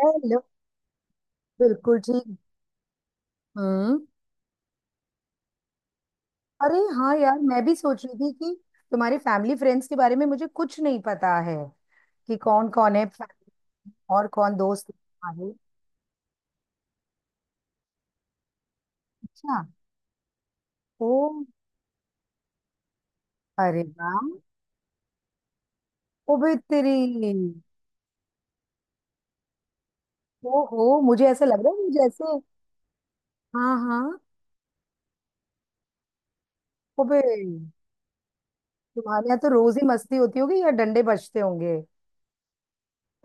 Hello. बिल्कुल ठीक। हम्म। अरे हाँ यार, मैं भी सोच रही थी कि तुम्हारे फैमिली फ्रेंड्स के बारे में मुझे कुछ नहीं पता है कि कौन कौन है family, और कौन दोस्त है तुम्हारे। अच्छा। ओ। अरे वाह। ओबे तेरी। ओ हो, मुझे ऐसा लग रहा है कि जैसे। हाँ हाँ। ओबे तुम्हारे यहाँ तो रोज ही मस्ती होती होगी या डंडे बजते होंगे।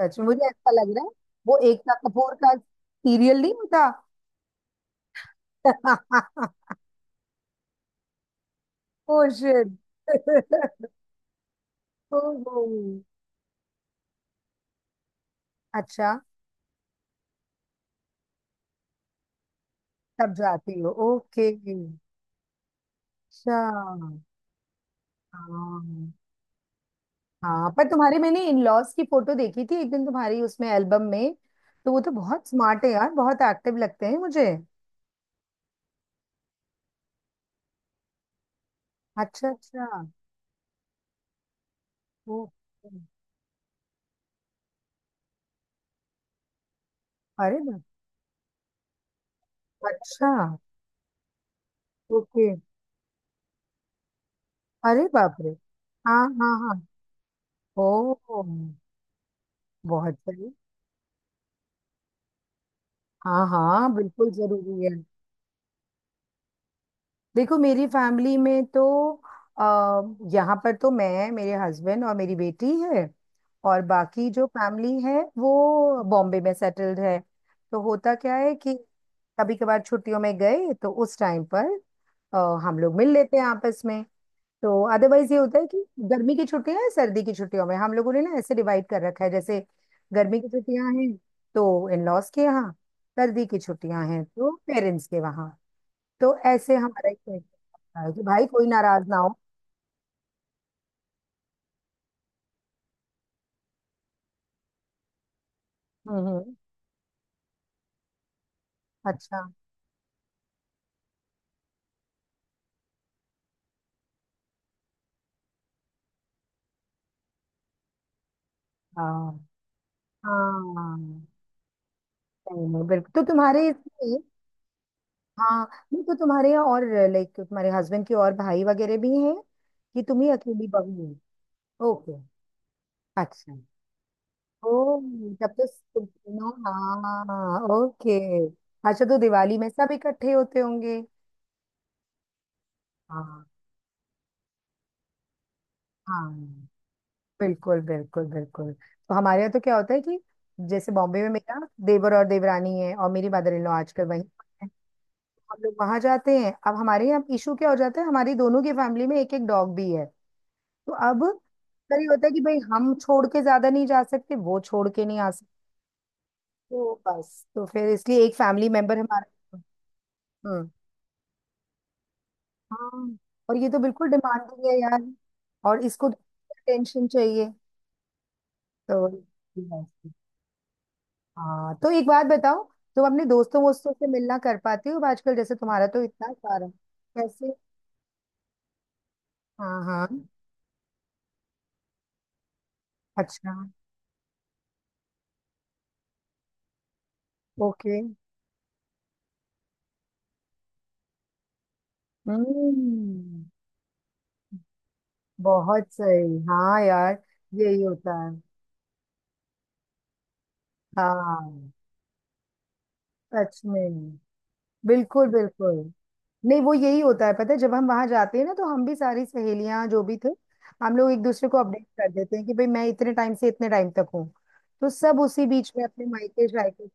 सच में मुझे ऐसा लग रहा है, वो एकता कपूर का सीरियल नहीं होता। Oh shit. ओहो। अच्छा। तब जाती हो, ओके। अच्छा। हाँ हाँ, पर तुम्हारे मैंने इन लॉज की फोटो देखी थी एक दिन, तुम्हारी उसमें एल्बम में। तो वो तो बहुत स्मार्ट है यार, बहुत एक्टिव लगते हैं मुझे। अच्छा अच्छा। ओ। अरे बाप। अच्छा। ओके। अरे बाप रे। हाँ हाँ हाँ। ओ। बहुत सही। हाँ हाँ, बिल्कुल जरूरी है। देखो, मेरी फैमिली में तो अः यहाँ पर तो मैं, मेरे हस्बैंड और मेरी बेटी है। और बाकी जो फैमिली है वो बॉम्बे में सेटल्ड है। तो होता क्या है कि कभी कभार छुट्टियों में गए तो उस टाइम पर अ, हम लोग मिल लेते हैं आपस में। तो अदरवाइज ये होता है कि गर्मी की छुट्टियां हैं, सर्दी की छुट्टियों में हम लोगों ने ना ऐसे डिवाइड कर रखा है जैसे गर्मी की छुट्टियां हैं तो इन लॉज के यहाँ, सर्दी की छुट्टियां हैं तो पेरेंट्स के वहाँ। तो ऐसे हमारा एक तरीका होता है कि भाई कोई नाराज ना हो। हम्म। अच्छा। हाँ हाँ, नहीं नहीं, बिल्कुल। तो तुम्हारे इसमें हाँ, नहीं, तो तुम्हारे यहाँ और लाइक तुम्हारे हस्बैंड के और भाई वगैरह भी हैं कि तुम ही अकेली बहू हो? ओके। अच्छा। ओ। तब तो तुम तीनों, हाँ ओके। अच्छा, तो दिवाली में सब इकट्ठे होते होंगे। हाँ हाँ। बिल्कुल बिल्कुल बिल्कुल। तो हमारे यहाँ तो क्या होता है कि जैसे बॉम्बे में मेरा देवर और देवरानी है और मेरी मदर इन लॉ आजकल वहीं है। हम लोग वहां जाते हैं। अब हमारे यहाँ इशू क्या हो जाता है, हमारी दोनों की फैमिली में एक एक डॉग भी है। तो अब अक्सर ये होता है कि भाई हम छोड़ के ज्यादा नहीं जा सकते, वो छोड़ के नहीं आ सकते। तो बस, तो फिर इसलिए एक फैमिली मेंबर हमारा। हम्म। हाँ, और ये तो बिल्कुल डिमांडिंग है यार। और इसको तो टेंशन चाहिए। तो हाँ, तो एक बात बताओ, तुम अपने दोस्तों वोस्तों से मिलना कर पाती हो आजकल? जैसे तुम्हारा तो इतना सारा। कैसे? हाँ हाँ। अच्छा। ओके। हम्म। बहुत सही। हाँ यार, यही होता है। हाँ सच में। बिल्कुल बिल्कुल। नहीं, वो यही होता है, पता है, जब हम वहां जाते हैं ना तो हम भी सारी सहेलियां जो भी थे, हम लोग एक दूसरे को अपडेट कर देते हैं कि भाई मैं इतने टाइम से इतने टाइम तक हूँ। तो सब उसी बीच में अपने मायके शायके।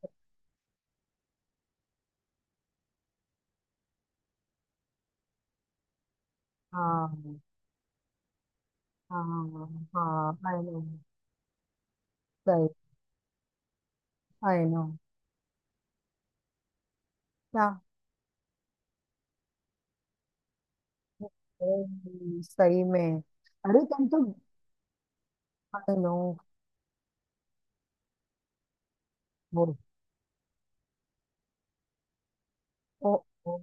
हाँ हाँ हाँ। I know. सही। I know. क्या? ओह, सही में। अरे तुम तो। I know. वो। ओ, ओ,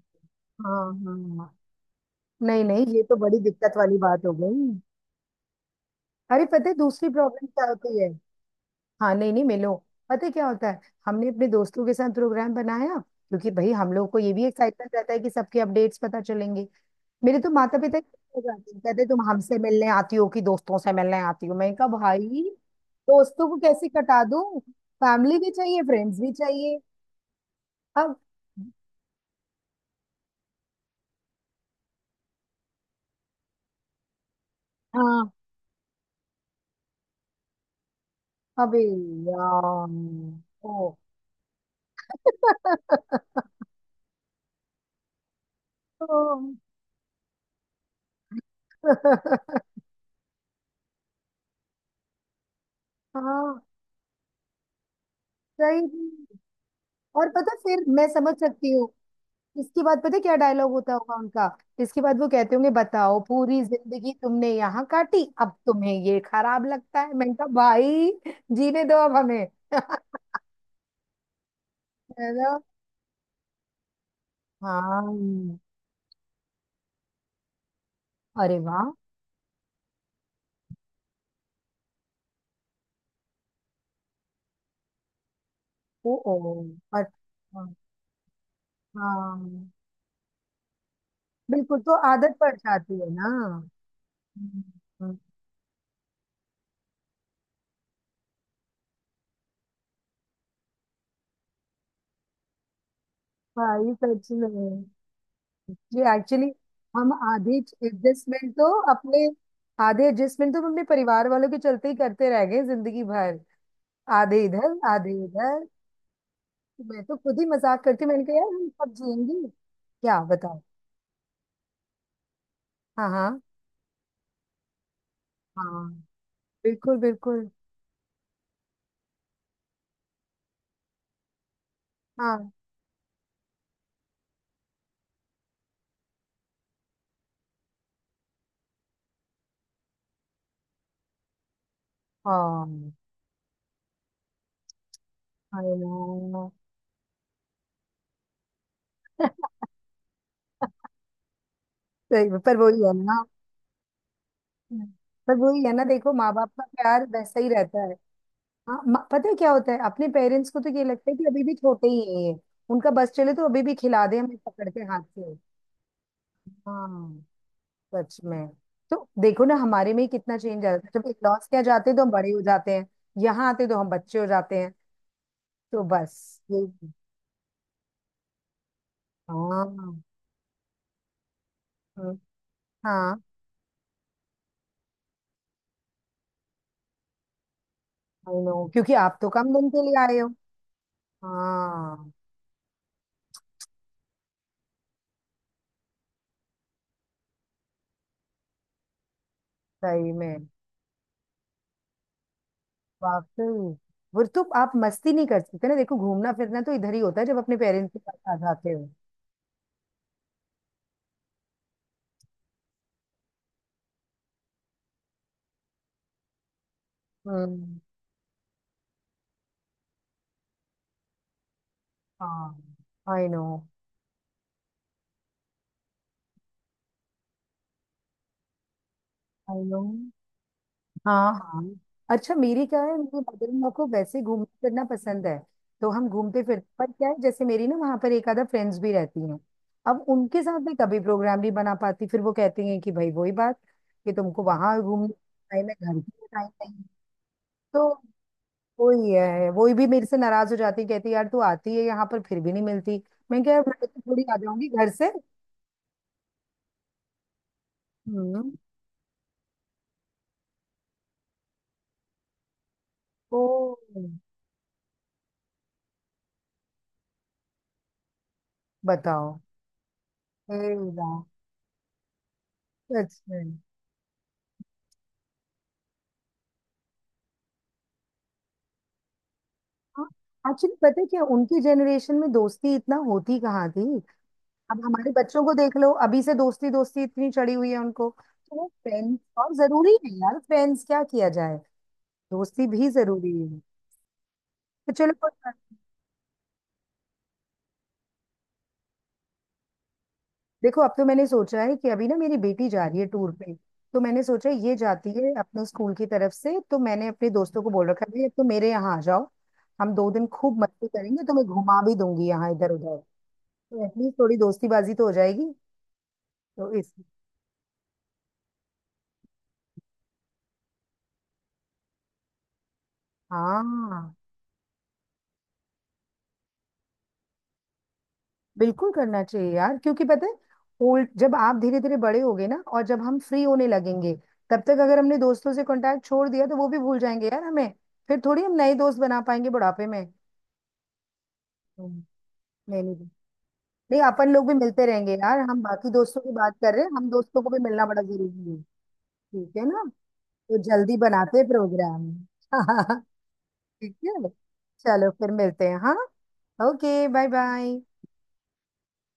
हाँ हाँ। नहीं नहीं, ये तो बड़ी दिक्कत वाली बात हो गई। अरे पता है दूसरी प्रॉब्लम क्या होती है। हाँ, नहीं नहीं, मिलो। पता है क्या होता है, हमने अपने दोस्तों के साथ प्रोग्राम बनाया क्योंकि भाई हम लोग को ये भी एक्साइटमेंट रहता है कि सबके अपडेट्स पता चलेंगे। मेरे तो माता पिता कहते तुम हमसे मिलने आती हो कि दोस्तों से मिलने आती हो। मैंने कहा भाई, दोस्तों को कैसे कटा दूं। फैमिली भी चाहिए, फ्रेंड्स भी चाहिए। अब हाँ। अबे। यार। ओ। ओ। हाँ सही में। और पता, फिर मैं समझ सकती हूँ। इसके बाद पता है क्या डायलॉग होता होगा उनका। इसके बाद वो कहते होंगे बताओ, पूरी जिंदगी तुमने यहाँ काटी अब तुम्हें ये खराब लगता है। मैंने कहा भाई, जीने दो अब हमें। है ना? हाँ। अरे वाह। ओ। ओ और। हाँ हाँ। बिल्कुल, तो आदत पड़ जाती है ना। हम्म। भाई सच में। जी एक्चुअली हम आधे एडजस्टमेंट तो अपने, आधे एडजस्टमेंट तो हम अपने परिवार वालों के चलते ही करते रह गए जिंदगी भर। आधे इधर आधे इधर। मैं तो खुद ही मजाक करती हूँ, मैंने कहा यार हम सब जिएंगे क्या, बताओ। हाँ हाँ हाँ। बिल्कुल बिल्कुल। हाँ हाँ। I know। सही में, पर वही है ना। पर वही है ना, देखो माँ बाप का प्यार वैसा ही रहता है। हाँ, पता है क्या होता है, अपने पेरेंट्स को तो ये लगता है कि अभी भी छोटे ही हैं ये। उनका बस चले तो अभी भी खिला दे हमें पकड़ के हाथ से। हाँ। सच में। तो देखो ना, हमारे में ही कितना चेंज आ जाता है, जब लॉस क्या जाते हैं तो हम बड़े हो जाते हैं, यहाँ आते तो हम बच्चे हो जाते हैं। तो बस यही। हाँ। हम्म। हाँ, आई नो, क्योंकि आप तो कम दिन के लिए आए हो। हाँ। सही में। वाकई। वो तो आप मस्ती नहीं कर सकते ना, देखो घूमना फिरना तो इधर ही होता है जब अपने पेरेंट्स के पास आ जाते हो। हम्म। हाँ। I know. I know. हाँ हाँ। अच्छा, मेरी क्या है, मेरी मदर इन लॉ को वैसे घूमना फिरना पसंद है, तो हम घूमते फिरते। पर क्या है, जैसे मेरी ना वहां पर एक आधा फ्रेंड्स भी रहती हैं। अब उनके साथ मैं कभी प्रोग्राम नहीं बना पाती, फिर वो कहती हैं कि भाई वही बात कि तुमको वहां घूमने का टाइम है, घर के लिए टाइम नहीं। तो वही है, वही भी मेरे से नाराज हो जाती है, कहती है, यार तू आती है यहाँ पर फिर भी नहीं मिलती। मैं क्या, मैं तो थोड़ी आ जाऊंगी घर से। हम्म। ओ। बताओ। हे राम। सच में। एक्चुअली पता है क्या, उनकी जनरेशन में दोस्ती इतना होती कहाँ थी। अब हमारे बच्चों को देख लो, अभी से दोस्ती दोस्ती इतनी चढ़ी हुई है उनको तो, वो फ्रेंड्स और जरूरी है यार, फ्रेंड्स क्या किया जाए। दोस्ती भी जरूरी है। तो चलो कोई देखो अब तो मैंने सोचा है कि अभी ना मेरी बेटी जा रही है टूर पे, तो मैंने सोचा ये जाती है अपने स्कूल की तरफ से, तो मैंने अपने दोस्तों को बोल रखा है भाई अब तो मेरे यहाँ आ जाओ। हम 2 दिन खूब मस्ती करेंगे, तो मैं घुमा भी दूंगी यहाँ इधर उधर। तो एटलीस्ट थोड़ी दोस्ती बाजी तो हो जाएगी। तो इस हाँ, बिल्कुल करना चाहिए यार, क्योंकि पता है, ओल्ड जब आप धीरे धीरे बड़े होगे ना, और जब हम फ्री होने लगेंगे, तब तक अगर हमने दोस्तों से कांटेक्ट छोड़ दिया तो वो भी भूल जाएंगे यार हमें। फिर थोड़ी हम नए दोस्त बना पाएंगे बुढ़ापे में। हम्म। नहीं नहीं। नहीं नहीं, अपन लोग भी मिलते रहेंगे यार, हम बाकी दोस्तों की बात कर रहे हैं, हम दोस्तों को भी मिलना बड़ा जरूरी है। ठीक है ना, तो जल्दी बनाते हैं प्रोग्राम। ठीक है। चलो फिर मिलते हैं, हाँ। Okay bye bye.